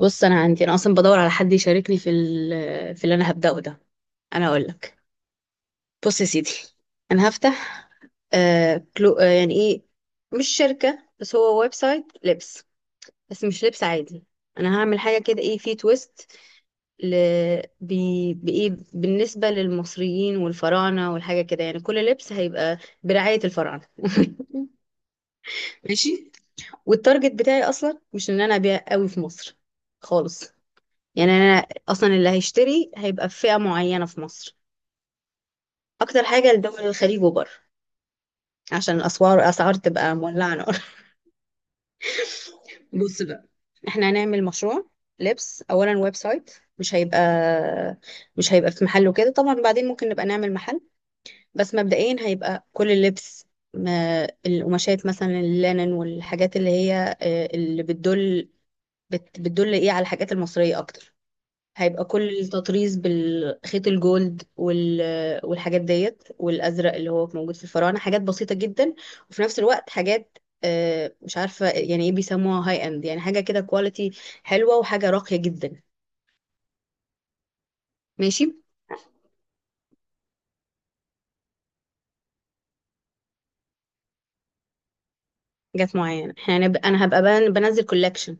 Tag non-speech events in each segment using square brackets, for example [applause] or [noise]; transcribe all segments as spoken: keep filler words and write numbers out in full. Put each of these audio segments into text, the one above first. بص، انا عندي انا اصلا بدور على حد يشاركني في ال- في اللي انا هبداه ده. انا اقول لك. بص يا سيدي، انا هفتح آه كلو آه يعني ايه، مش شركه بس هو ويب سايت لبس، بس مش لبس عادي. انا هعمل حاجه كده، ايه، في تويست، ل... بي... بايه بالنسبه للمصريين والفراعنه والحاجه كده. يعني كل لبس هيبقى برعايه الفراعنه [laughs] ماشي. والتارجت بتاعي اصلا مش ان انا ابيع قوي في مصر خالص. يعني انا اصلا اللي هيشتري هيبقى في فئة معينة في مصر. اكتر حاجة لدول الخليج وبره عشان الاسعار اسعار تبقى مولعة نار [laughs] بص بقى، احنا هنعمل مشروع لبس، اولا ويب سايت. مش هيبقى مش هيبقى في محل وكده، طبعا بعدين ممكن نبقى نعمل محل. بس مبدئيا هيبقى كل اللبس، ما القماشات مثلا اللينن والحاجات اللي هي آه، اللي بتدل، بت- بتدل ايه، على الحاجات المصرية اكتر. هيبقى كل التطريز بالخيط الجولد وال... والحاجات ديت والازرق اللي هو موجود في الفراعنه، حاجات بسيطه جدا. وفي نفس الوقت حاجات آه، مش عارفه يعني ايه بيسموها، هاي اند، يعني حاجه كده كواليتي حلوه وحاجه راقيه جدا. ماشي. جت معايا، احنا هنبقى- انا هبقى بن- بنزل كولكشن،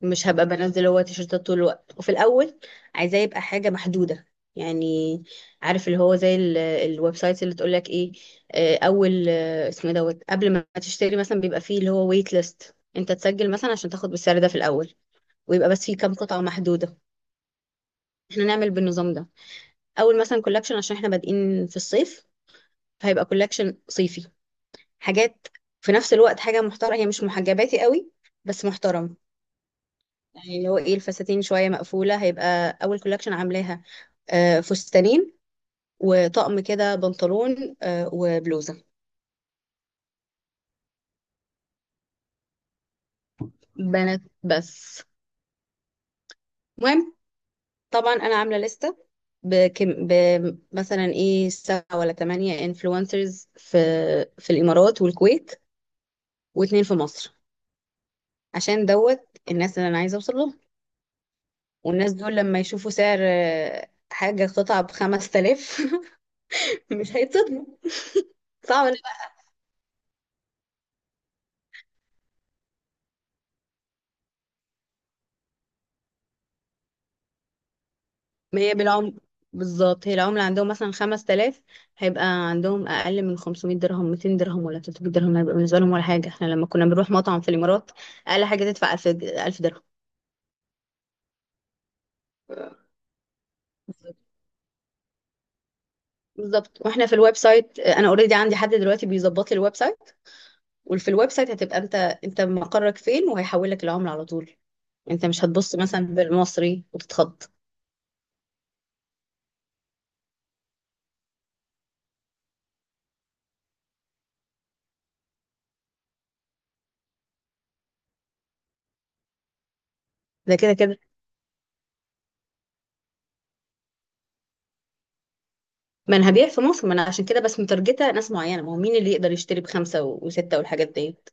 مش هبقى بنزل هو تيشيرتات طول الوقت. وفي الاول عايزاه يبقى حاجه محدوده. يعني عارف، اللي هو زي ال- الويب سايت اللي تقول لك ايه، آه، اول، آه، اسمه إيه دوت، قبل ما تشتري مثلا بيبقى فيه اللي هو ويت ليست، انت تسجل مثلا عشان تاخد بالسعر ده في الاول. ويبقى بس فيه كام قطعه محدوده. احنا نعمل بالنظام ده. اول مثلا كولكشن، عشان احنا بادئين في الصيف، فهيبقى كولكشن صيفي، حاجات في نفس الوقت حاجه محترمه، هي مش محجباتي قوي بس محترم. يعني اللي هو ايه، الفساتين شوية مقفولة، هيبقى أول كولكشن عاملاها آه، فستانين وطقم كده بنطلون آه، وبلوزة. بنات بس. المهم، طبعا أنا عاملة لستة بكم، ب- مثلا ايه، سبعة ولا تمانية انفلونسرز في في الإمارات والكويت، واتنين في مصر، عشان دوت الناس اللي أنا عايزة أوصل لهم. والناس دول لما يشوفوا سعر، آه، حاجة قطعة بخمس تلاف [laughs] مش هيتصدموا. صعب. ما هي بالعمر، بالظبط هي العملة عندهم مثلا خمس آلاف، هيبقى عندهم أقل من خمسمائة درهم، ميتين درهم ولا ثلاثمائة درهم، هيبقى بالنسبة لهم ولا حاجة. احنا لما كنا بنروح مطعم في الإمارات أقل حاجة تدفع ألف، د- ألف درهم بالظبط. بالظبط، واحنا في الويب سايت انا اوريدي عندي حد دلوقتي بيظبط لي الويب سايت. وفي الويب سايت هتبقى انت انت مقرك فين، وهيحول لك العملة على طول. انت مش هتبص مثلا بالمصري وتتخض. ده كده كده، ما انا هبيع في مصر، ما انا عشان كده بس مترجته ناس معينه، ما هو مين اللي يقدر يشتري بخمسه و- وسته والحاجات ديت؟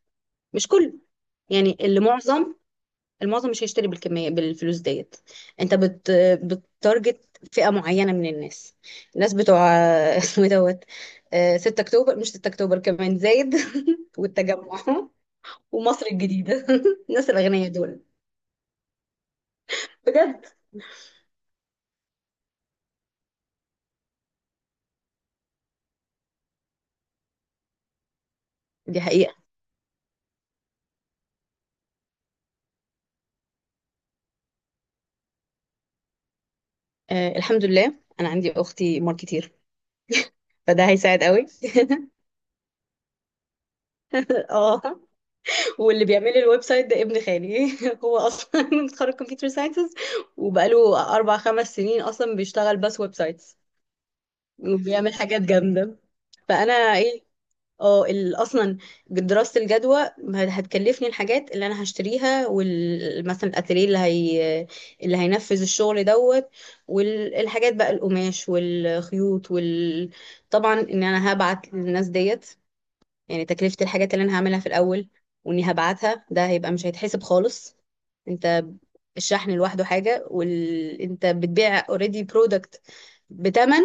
مش كله. يعني اللي معظم المعظم مش هيشتري بالكميه بالفلوس ديت. انت بت بتارجت فئه معينه من الناس، الناس بتوع [laughs] اسمه إيه دوت، آه، 6 اكتوبر، مش 6 اكتوبر كمان زايد [laughs] والتجمع ومصر الجديده [laughs] الناس الاغنياء دول، بجد. دي حقيقه. آه، الحمد لله انا عندي اختي ماركتير، فده هيساعد قوي [laughs] اه، واللي بيعمل لي الويب سايت ده ابن خالي [laughs] هو اصلا [laughs] متخرج كمبيوتر ساينسز وبقاله اربع خمس سنين اصلا بيشتغل بس ويب سايت، وبيعمل حاجات جامدة. فأنا إيه، اه، ال- أصلا دراسة الجدوى هت- هتكلفني الحاجات اللي أنا هشتريها، ومثلا الأتيليه اللي هي اللي هينفذ الشغل دوت، والحاجات بقى القماش والخيوط وال طبعا إن أنا هبعت للناس ديت، يعني تكلفة الحاجات اللي أنا هعملها في الأول وإني هبعتها، ده هيبقى مش هيتحسب خالص. أنت، الشحن لوحده حاجة وال... أنت بتبيع اوريدي برودكت بتمن،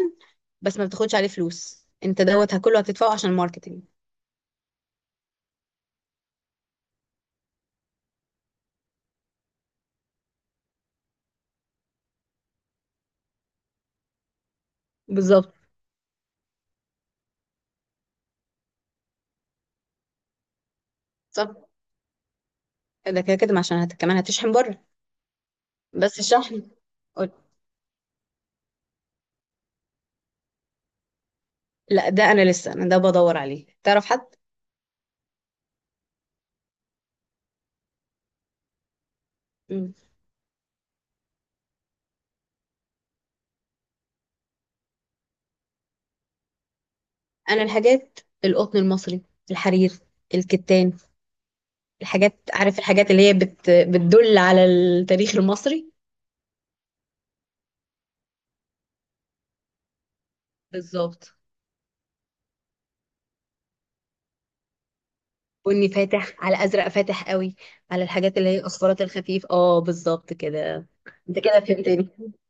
بس ما بتاخدش عليه فلوس. أنت دوت كله هتدفعه عشان الماركتينج. بالظبط. صح، ده كده كده، ما عشان هت... كمان هتشحن بره. بس الشحن، قول- لا، ده أنا لسه، أنا ده بدور عليه، تعرف حد؟ مم. أنا الحاجات، القطن المصري، الحرير، الكتان، الحاجات، عارف الحاجات اللي هي بت بتدل على التاريخ المصري. بالظبط، بني فاتح على ازرق فاتح قوي، على الحاجات اللي هي اصفرات الخفيف، اه بالظبط كده. انت كده فهمتني [laughs]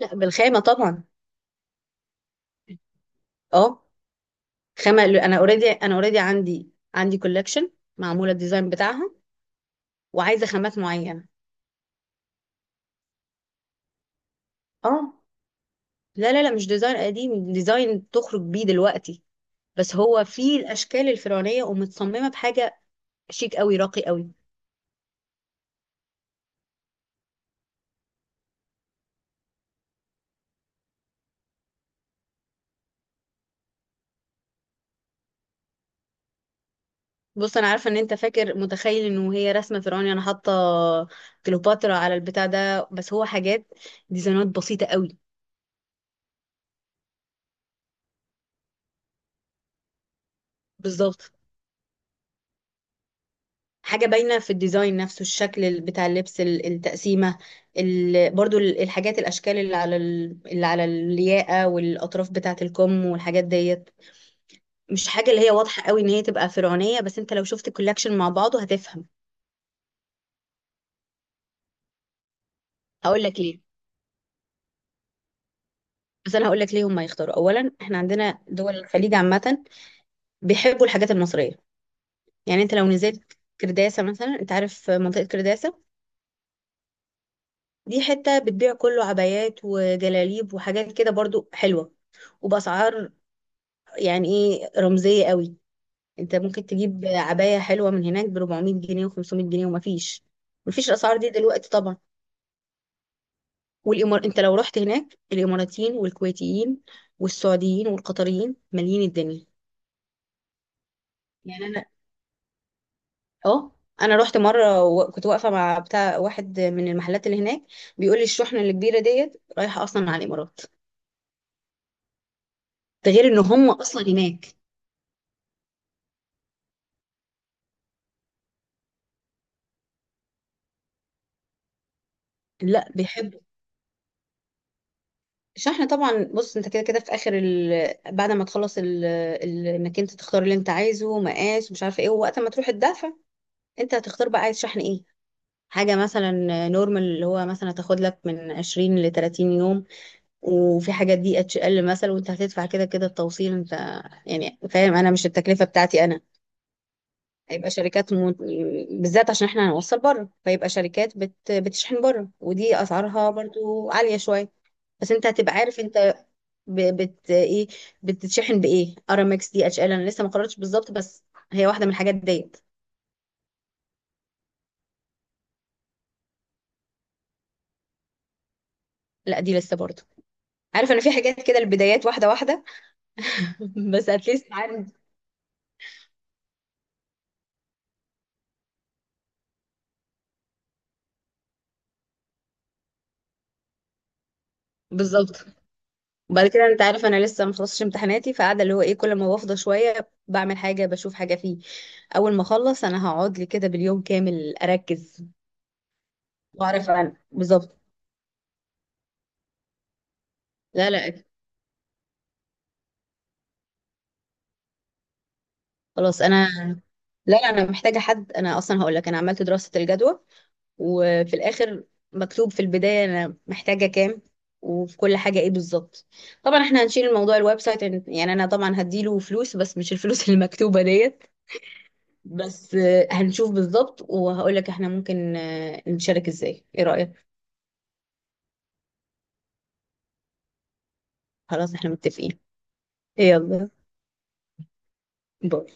لا، بالخامه طبعا. اه خامه، انا اوريدي انا اوريدي عندي عندي كولكشن معموله الديزاين بتاعها، وعايزه خامات معينه. اه، لا لا لا، مش ديزاين قديم، ديزاين تخرج بيه دلوقتي، بس هو فيه الاشكال الفرعونيه ومتصممه بحاجه شيك قوي راقي قوي. بص، انا عارفه ان انت فاكر متخيل انه هي رسمه فرعوني، انا حاطه كليوباترا على البتاع ده. بس هو حاجات، ديزاينات بسيطه قوي. بالظبط، حاجه باينه في الديزاين نفسه، الشكل ال- بتاع اللبس، ال- التقسيمه، ال... برضو ال- الحاجات، الاشكال اللي على ال... اللي على الياقه والاطراف بتاعه الكم والحاجات ديت. مش حاجه اللي هي واضحه قوي ان هي تبقى فرعونيه، بس انت لو شفت الكولكشن مع بعضه هتفهم. هقول لك ليه. بس انا هقول لك ليه هم يختاروا، اولا احنا عندنا دول الخليج عامه بيحبوا الحاجات المصريه. يعني انت لو نزلت كرداسة مثلا، انت عارف منطقة كرداسة، دي حتة بتبيع كله عبايات وجلاليب وحاجات كده برضو حلوة، وبأسعار يعني ايه، رمزية قوي. انت ممكن تجيب عباية حلوة من هناك ب اربعمائة جنيه و500 جنيه، ومفيش مفيش الأسعار دي دلوقتي طبعا. والإمار، انت لو رحت هناك الإماراتيين والكويتيين والسعوديين والقطريين مالين الدنيا. يعني اه، انا رحت مره وكنت واقفه مع بتاع واحد من المحلات اللي هناك، بيقول لي الشحنه الكبيره ديت رايحه اصلا على الامارات، ده غير ان هم اصلا هناك. لا، بيحبوا. الشحنه طبعا، بص انت كده كده في اخر ال... بعد ما تخلص ال... ال... انك انت تختار اللي انت عايزه، مقاس ومش عارفه ايه. ووقت ما تروح تدافع انت هتختار بقى عايز شحن ايه. حاجه مثلا نورمال، اللي هو مثلا هتاخد لك من عشرين ل تلاتين يوم. وفي حاجات دي اتش ال مثلا، وانت هتدفع كده كده التوصيل. انت يعني فاهم، انا مش التكلفه بتاعتي انا. هيبقى شركات، م... بالذات عشان احنا هنوصل بره، فيبقى شركات بت... بتشحن بره، ودي اسعارها برضو عالية شوية. بس انت هتبقى عارف انت ب... بت ايه، بتتشحن بايه، ارامكس دي اتش ال. انا لسه ما قررتش بالظبط، بس هي واحدة من الحاجات ديت. لا، دي لسه برضو. عارف، انا في حاجات كده البدايات واحدة واحدة [laughs] بس اتليست عارف. بالظبط. وبعد كده انت عارف انا لسه ما خلصتش امتحاناتي، فقاعده اللي هو ايه، كل ما بفضى شويه بعمل حاجه بشوف حاجه فيه. اول ما اخلص انا هقعد لي كده باليوم كامل اركز واعرف عن بالظبط. لا لا، أكيد. خلاص انا، لا لا انا محتاجه حد. انا اصلا هقول لك، انا عملت دراسه الجدوى وفي الاخر مكتوب في البدايه انا محتاجه كام وفي كل حاجه ايه بالظبط. طبعا احنا هنشيل الموضوع الويب سايت، يعني انا طبعا هديله فلوس بس مش الفلوس [laughs] المكتوبه ديت. بس آه، هنشوف بالظبط وهقول لك احنا ممكن آه، نشارك ازاي، ايه رايك؟ خلاص، احنا متفقين. يلا باي.